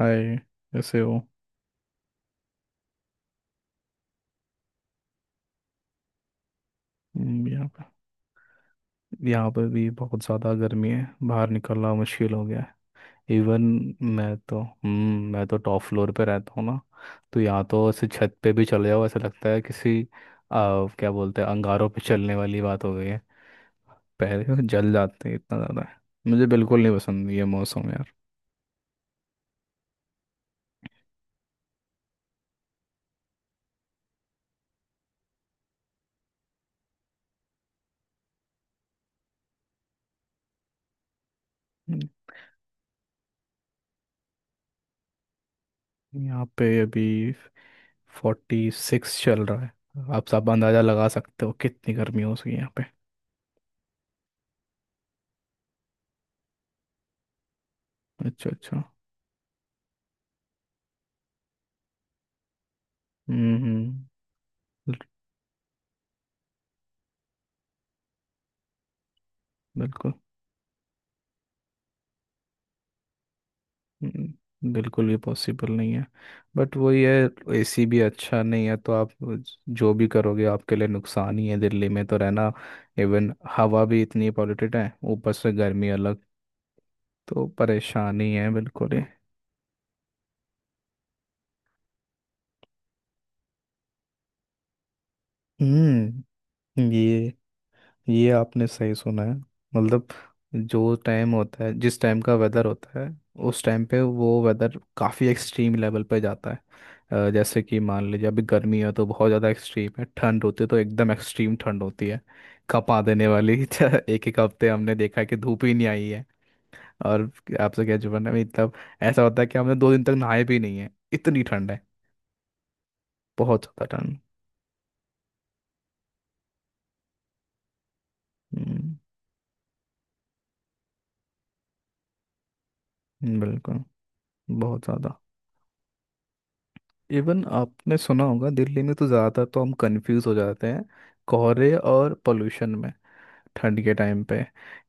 हाय। कैसे हो? हम्म, यहाँ पर यहाँ पर भी बहुत ज़्यादा गर्मी है। बाहर निकलना मुश्किल हो गया है। इवन मैं तो टॉप फ्लोर पे रहता हूँ ना। तो यहाँ तो ऐसे छत पे भी चले जाओ ऐसा लगता है किसी क्या बोलते हैं, अंगारों पे चलने वाली बात हो गई है। पैर तो जल जाते हैं, इतना ज़्यादा है। मुझे बिल्कुल नहीं पसंद ये मौसम यार। हम्म, यहाँ पे अभी 46 चल रहा है। आप सब अंदाज़ा लगा सकते हो कितनी गर्मी हो सकी यहाँ पे। अच्छा अच्छा। हम्म। बिल- बिल्कुल। बिल्कुल ये पॉसिबल नहीं है। बट वही है, एसी भी अच्छा नहीं है तो आप जो भी करोगे आपके लिए नुकसान ही है। दिल्ली में तो रहना, इवन हवा भी इतनी पॉल्यूटेड है, ऊपर से गर्मी अलग। तो परेशानी है बिल्कुल ही। हम्म ये ये आपने सही सुना है। मतलब जो टाइम होता है, जिस टाइम का वेदर होता है, उस टाइम पे वो वेदर काफ़ी एक्सट्रीम लेवल पे जाता है। जैसे कि मान लीजिए अभी गर्मी है तो बहुत ज़्यादा एक्सट्रीम है, ठंड होती है तो एकदम एक्सट्रीम ठंड होती है, कपा देने वाली। एक एक हफ्ते हमने देखा है कि धूप ही नहीं आई है। और आपसे क्या जुबान है, मतलब ऐसा होता है कि हमने 2 दिन तक नहाए भी नहीं है, इतनी ठंड है। बहुत ज़्यादा ठंड। हम्म, बिल्कुल। बहुत ज़्यादा। इवन आपने सुना होगा, दिल्ली में तो ज़्यादा तो हम कंफ्यूज हो जाते हैं कोहरे और पोल्यूशन में, ठंड के टाइम पे।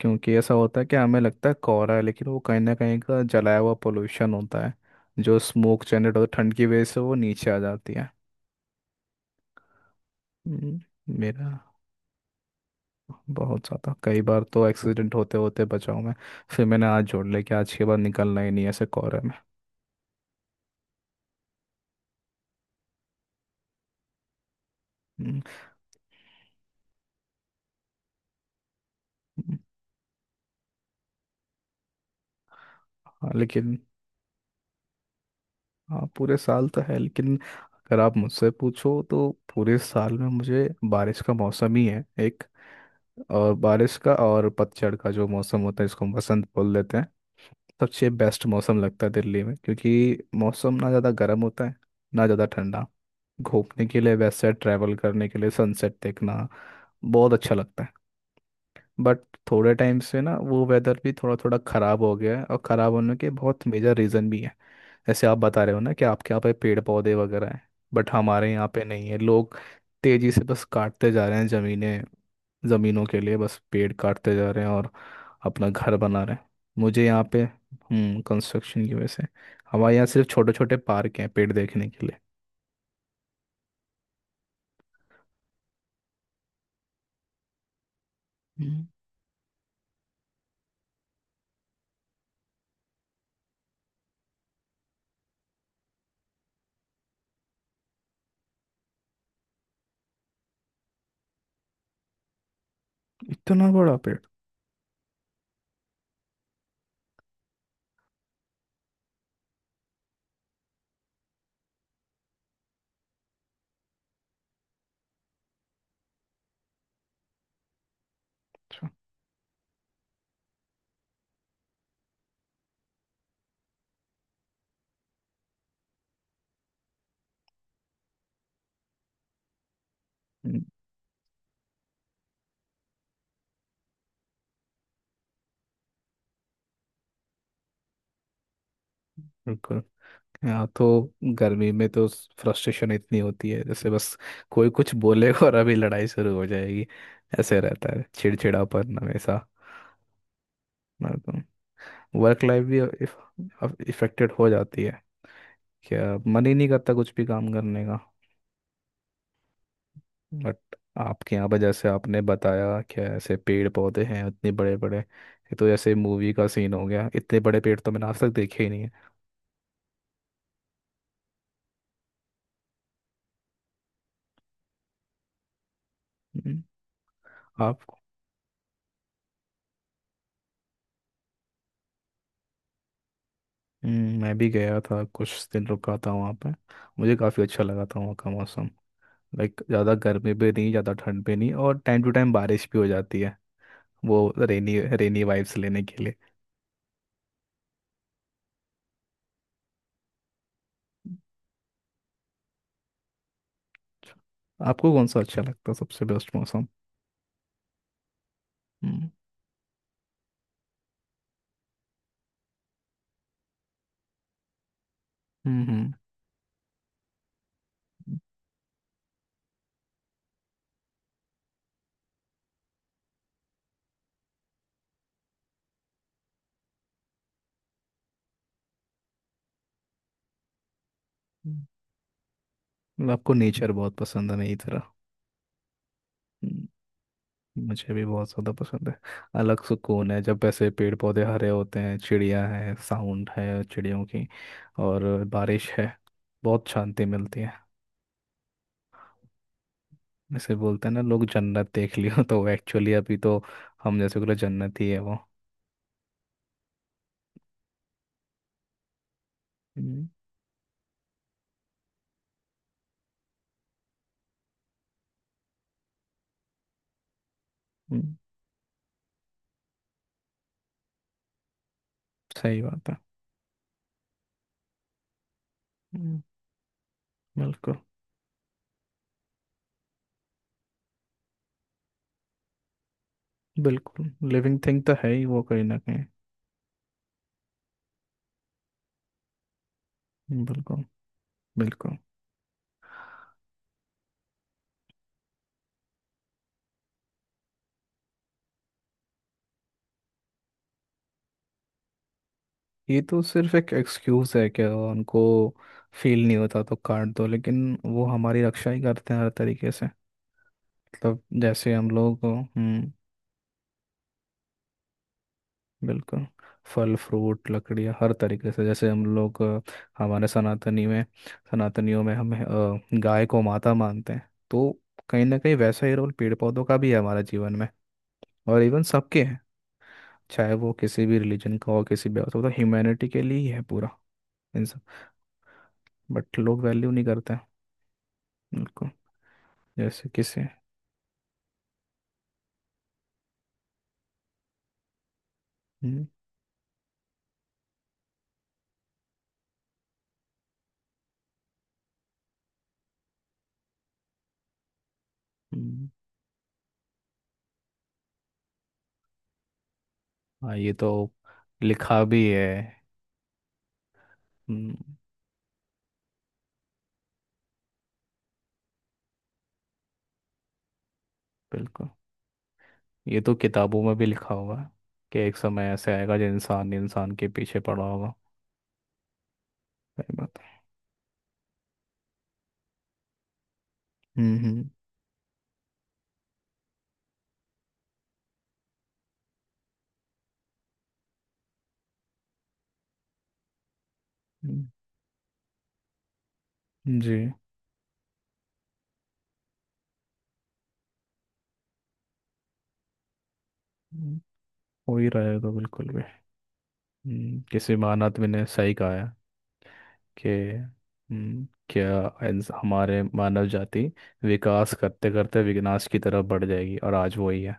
क्योंकि ऐसा होता है कि हमें लगता है कोहरा है, लेकिन वो कहीं ना कहीं का जलाया हुआ पोल्यूशन होता है। जो स्मोक जनरेट होता है ठंड की वजह से वो नीचे आ जाती है। हम्म, मेरा बहुत ज़्यादा, कई बार तो एक्सीडेंट होते होते बचाऊँ मैं। फिर मैंने आज जोड़ लिया कि आज के बाद निकलना ही नहीं है ऐसे कोहरे में। हम्म। हम्म। हाँ, लेकिन हाँ पूरे साल तो है लेकिन अगर आप मुझसे पूछो तो पूरे साल में मुझे बारिश का मौसम ही है एक। और बारिश का और पतझड़ का जो मौसम होता है इसको हम बसंत बोल देते हैं। सबसे बेस्ट मौसम लगता है दिल्ली में, क्योंकि मौसम ना ज़्यादा गर्म होता है ना ज़्यादा ठंडा। घूमने के लिए, वैसे ट्रैवल करने के लिए, सनसेट देखना बहुत अच्छा लगता है। बट थोड़े टाइम से ना वो वेदर भी थोड़ा थोड़ा ख़राब हो गया है, और ख़राब होने के बहुत मेजर रीज़न भी है। जैसे आप बता रहे हो ना कि आपके यहाँ पे पेड़ पौधे वगैरह हैं, बट हमारे यहाँ पे नहीं है। लोग तेजी से बस काटते जा रहे हैं जमीनें। जमीनों के लिए बस पेड़ काटते जा रहे हैं और अपना घर बना रहे हैं। मुझे यहाँ पे कंस्ट्रक्शन की वजह से हमारे यहाँ सिर्फ छोटे छोटे पार्क हैं पेड़ देखने के लिए। हम्म। इतना बड़ा पेड़? अच्छा। हम्म, बिल्कुल। यहाँ तो गर्मी में तो फ्रस्ट्रेशन इतनी होती है, जैसे बस कोई कुछ बोलेगा और अभी लड़ाई शुरू हो जाएगी। ऐसे रहता है चिड़चिड़ापन हमेशा। मतलब वर्क लाइफ भी इफेक्टेड हो जाती है, क्या मन ही नहीं करता कुछ भी काम करने का। बट आपके यहाँ पर जैसे आपने बताया, क्या ऐसे पेड़ पौधे हैं इतने बड़े बड़े, ये तो जैसे मूवी का सीन हो गया। इतने बड़े पेड़ तो मैंने आज तक देखे ही नहीं है। हम्म। आप। मैं भी गया था, कुछ दिन रुका था वहाँ पे। मुझे काफ़ी अच्छा लगा था वहाँ का मौसम। लाइक ज़्यादा गर्मी भी नहीं, ज़्यादा ठंड भी नहीं, और टाइम टू टाइम बारिश भी हो जाती है वो रेनी रेनी वाइब्स लेने के लिए। आपको कौन सा अच्छा लगता है, सबसे बेस्ट मौसम? हम्म। हम्म। हम्म। हम्म। मतलब आपको नेचर बहुत पसंद है मेरी तरह? हम्म, मुझे भी बहुत ज़्यादा पसंद है। अलग सुकून है जब ऐसे पेड़ पौधे हरे होते हैं, चिड़िया है, साउंड है चिड़ियों की, और बारिश है। बहुत शांति मिलती है। जैसे बोलते हैं ना लोग, जन्नत देख लियो। तो एक्चुअली अभी तो हम जैसे बोले जन्नत ही है वो। हम्म। हम्म, सही बात है। हम्म, बिल्कुल। बिल्कुल लिविंग थिंग तो है ही वो कहीं ना कहीं। बिल्कुल। बिल्कुल। ये तो सिर्फ एक एक्सक्यूज है कि उनको फील नहीं होता तो काट दो, लेकिन वो हमारी रक्षा ही करते हैं हर तरीके से। मतलब जैसे हम लोग बिल्कुल। फल फ्रूट लकड़ियाँ हर तरीके से। जैसे हम लोग हमारे सनातनी में सनातनियों में हम गाय को माता मानते हैं, तो कहीं ना कहीं वैसा ही रोल पेड़ पौधों का भी है हमारे जीवन में। और इवन सबके हैं, चाहे वो किसी भी रिलीजन का हो, किसी भी। तो ह्यूमैनिटी के लिए ही है पूरा इन सब। बट लोग वैल्यू नहीं करते हैं। बिल्कुल। जैसे किसे। हम्म। हम्म, हाँ ये तो लिखा भी है। हम्म, बिल्कुल ये तो किताबों में भी लिखा होगा, कि एक समय ऐसे आएगा जो इंसान इंसान के पीछे पड़ा होगा। सही बात है। हम्म। हम्म। हम्म, जी। हम्म, हो ही रहा है तो, बिल्कुल भी। किसी महान ने सही कहा है कि, क्या हमारे मानव जाति विकास करते करते विनाश की तरफ बढ़ जाएगी, और आज वही है।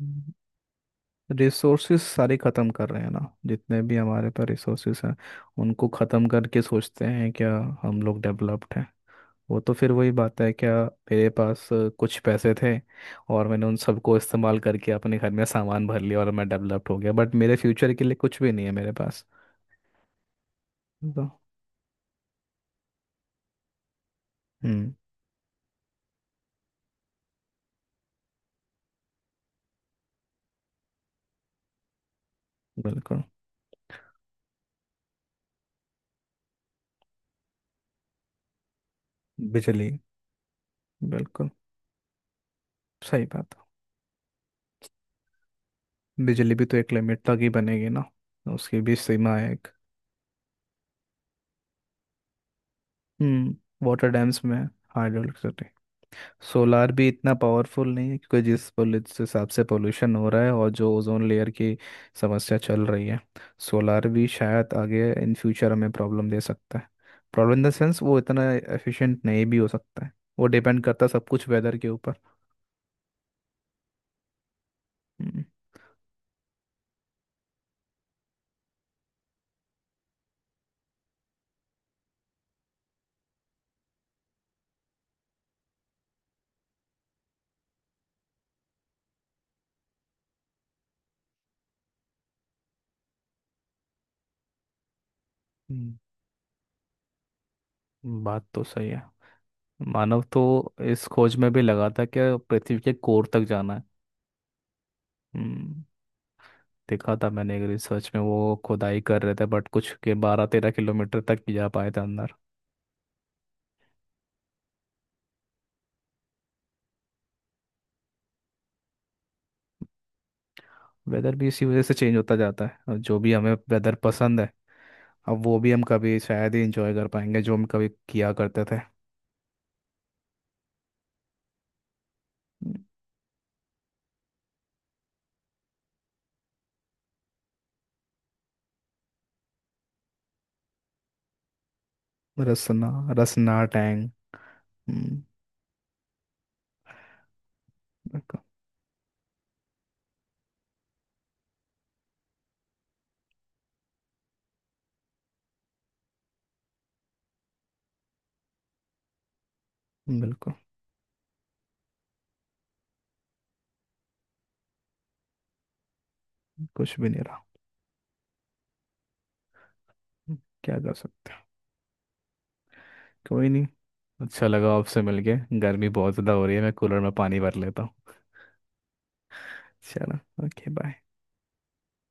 हम्म, रिसोर्सेज सारे ख़त्म कर रहे हैं ना। जितने भी हमारे पास रिसोर्सेज हैं उनको ख़त्म करके सोचते हैं क्या हम लोग डेवलप्ड हैं? वो तो फिर वही बात है क्या, मेरे पास कुछ पैसे थे और मैंने उन सबको इस्तेमाल करके अपने घर में सामान भर लिया और मैं डेवलप्ड हो गया, बट मेरे फ्यूचर के लिए कुछ भी नहीं है मेरे पास। तो हम्म बिल्कुल। बिजली। बिल्कुल। सही बात है। बिजली भी तो एक लिमिट तक ही बनेगी ना, उसकी भी सीमा है एक। वाटर डैम्स में। हाइड्रोइलेक्ट्रिसिटी। सोलार भी इतना पावरफुल नहीं है, क्योंकि जिस जिस हिसाब से पोल्यूशन हो रहा है और जो ओजोन लेयर की समस्या चल रही है, सोलार भी शायद आगे इन फ्यूचर हमें प्रॉब्लम दे सकता है। प्रॉब्लम इन द सेंस वो इतना एफिशिएंट नहीं भी हो सकता है, वो डिपेंड करता है सब कुछ वेदर के ऊपर। हम्म। हम्म, बात तो सही है। मानव तो इस खोज में भी लगा था कि पृथ्वी के कोर तक जाना है। हम्म, देखा था मैंने एक रिसर्च में, वो खुदाई कर रहे थे बट कुछ के 12-13 किलोमीटर तक भी जा पाए थे अंदर। वेदर भी इसी वजह से चेंज होता जाता है, और जो भी हमें वेदर पसंद है अब वो भी हम कभी शायद ही इंजॉय कर पाएंगे जो हम कभी किया करते थे। हम्म। रसना। रसना टैंग। हम्म, बिल्कुल। बिल्कुल, कुछ भी नहीं रहा। हम्म, क्या कर सकते हैं, कोई नहीं। अच्छा लगा आपसे मिलके। गर्मी बहुत ज़्यादा हो रही है, मैं कूलर में पानी भर लेता हूँ। चलो, ओके बाय।